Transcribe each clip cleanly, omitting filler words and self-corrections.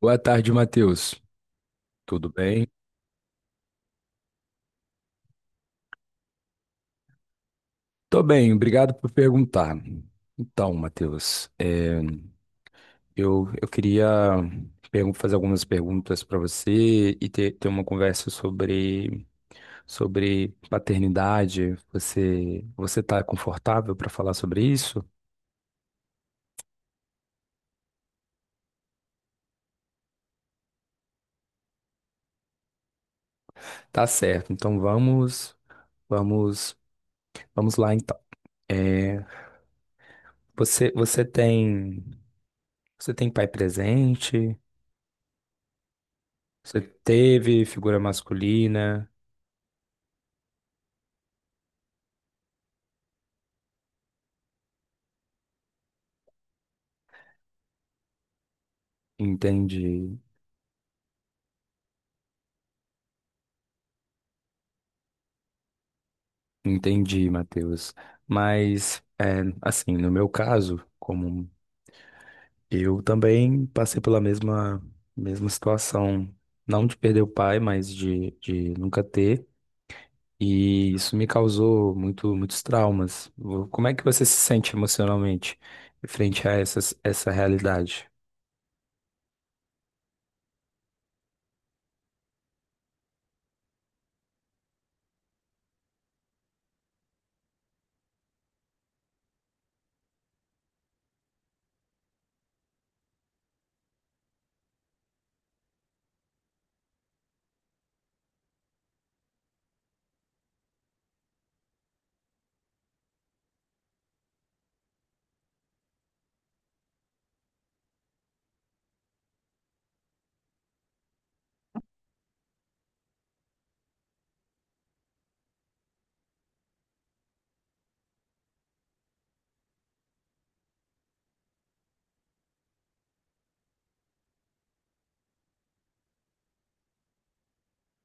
Boa tarde, Matheus. Tudo bem? Tô bem, obrigado por perguntar. Então, Matheus, eu queria fazer algumas perguntas para você e ter uma conversa sobre paternidade. Você tá confortável para falar sobre isso? Tá certo. Vamos, Vamos lá então. É, você, você tem, você tem pai presente? Você teve figura masculina? Entende? Entendi, Matheus. Mas, é, assim, no meu caso, como eu também passei pela mesma situação, não de perder o pai, mas de nunca ter, e isso me causou muitos traumas. Como é que você se sente emocionalmente frente a essa realidade?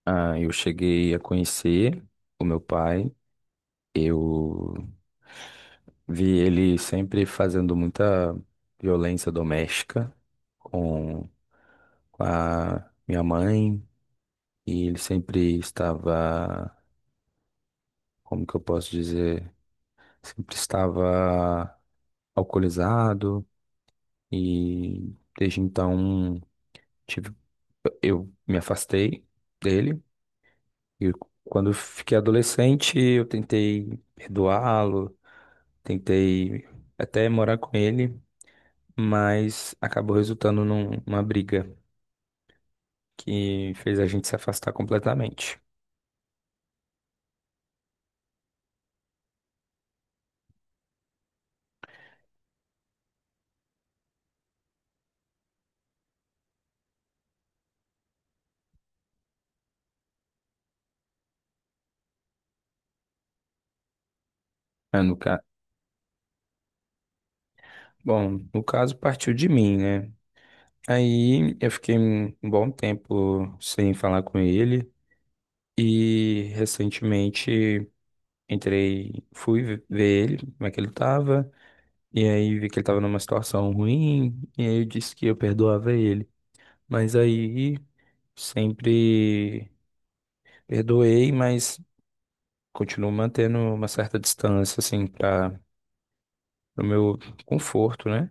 Ah, eu cheguei a conhecer o meu pai, eu vi ele sempre fazendo muita violência doméstica com com a minha mãe, e ele sempre estava, como que eu posso dizer, sempre estava alcoolizado, e desde então tive, eu me afastei dele. E quando eu fiquei adolescente, eu tentei perdoá-lo, tentei até morar com ele, mas acabou resultando numa briga que fez a gente se afastar completamente. É, no ca... Bom, no caso partiu de mim, né? Aí eu fiquei um bom tempo sem falar com ele, e recentemente ver ele, como é que ele tava, e aí vi que ele tava numa situação ruim, e aí eu disse que eu perdoava ele. Mas aí sempre perdoei, mas continuo mantendo uma certa distância, assim, para o meu conforto, né?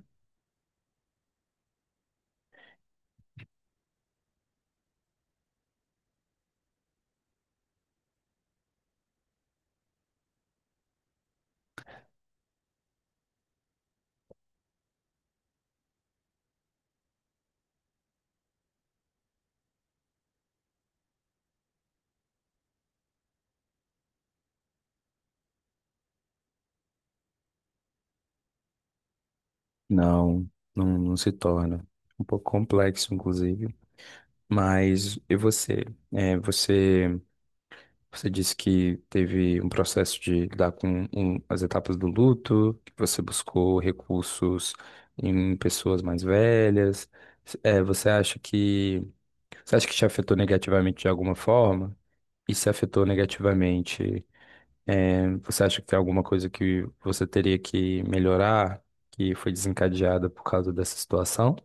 Não, não, não se torna. Um pouco complexo, inclusive. Mas e você? É, você disse que teve um processo de lidar com as etapas do luto, que você buscou recursos em pessoas mais velhas. S- eh, você acha que você acha que te afetou negativamente de alguma forma? E se afetou negativamente, eh, você acha que tem alguma coisa que você teria que melhorar, que foi desencadeada por causa dessa situação?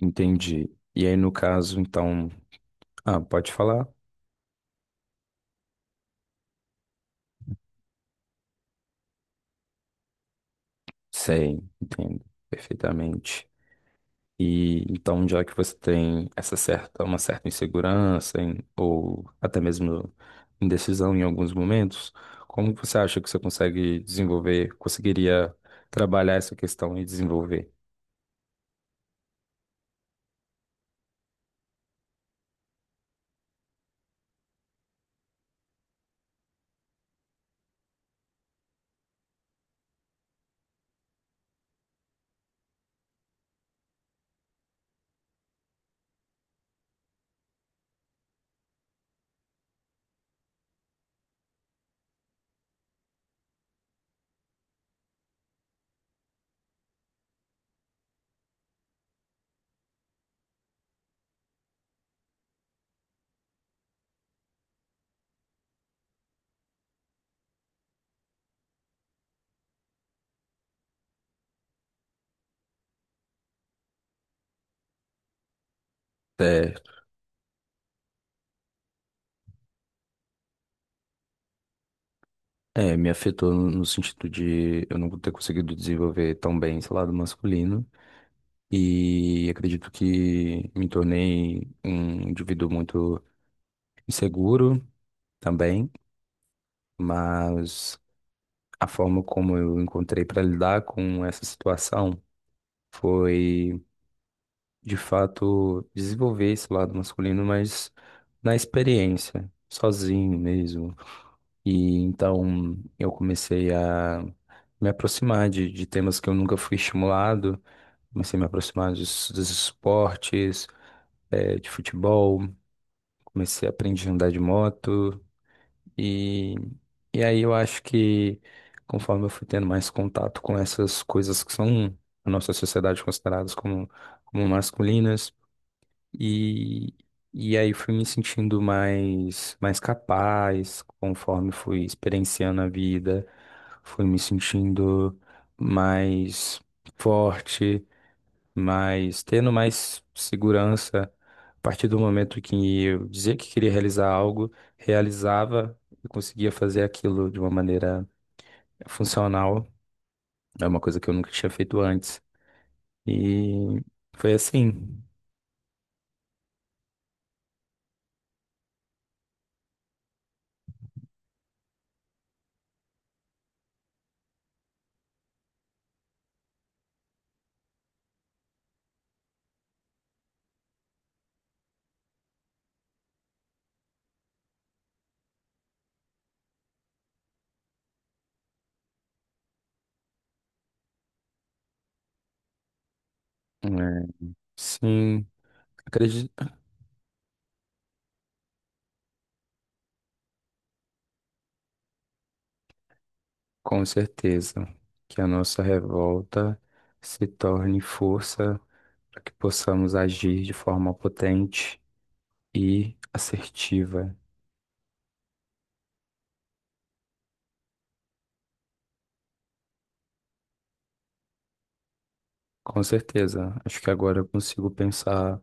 Entendi. E aí, no caso, então, ah, pode falar? Sei, entendo perfeitamente. E então, já que você tem uma certa insegurança ou até mesmo indecisão em alguns momentos, como que você acha que conseguiria trabalhar essa questão e desenvolver? É, me afetou no sentido de eu não ter conseguido desenvolver tão bem esse lado masculino, e acredito que me tornei um indivíduo muito inseguro também. Mas a forma como eu encontrei para lidar com essa situação foi, de fato, desenvolver esse lado masculino, mas na experiência, sozinho mesmo. E então eu comecei a me aproximar de temas que eu nunca fui estimulado, comecei a me aproximar dos esportes, eh, de futebol, comecei a aprender a andar de moto. E, e aí eu acho que, conforme eu fui tendo mais contato com essas coisas que são na nossa sociedade consideradas como masculinas, e, e aí fui me sentindo mais capaz. Conforme fui experienciando a vida, fui me sentindo mais forte. Mas tendo mais segurança, a partir do momento que eu dizia que queria realizar algo, realizava e conseguia fazer aquilo de uma maneira funcional. É uma coisa que eu nunca tinha feito antes. E foi assim. É, sim, acredito com certeza que a nossa revolta se torne força para que possamos agir de forma potente e assertiva. Com certeza. Acho que agora eu consigo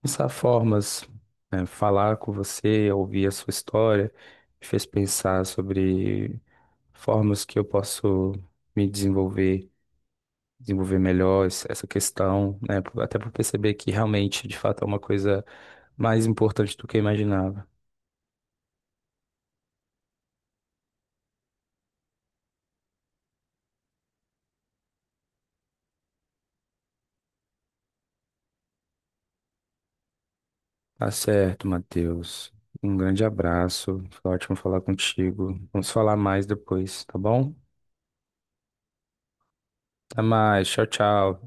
pensar formas, né, falar com você, ouvir a sua história, me fez pensar sobre formas que eu posso me desenvolver, desenvolver melhor essa questão, né? Até por perceber que realmente, de fato, é uma coisa mais importante do que eu imaginava. Tá certo, Matheus. Um grande abraço. Foi ótimo falar contigo. Vamos falar mais depois, tá bom? Até mais. Tchau, tchau.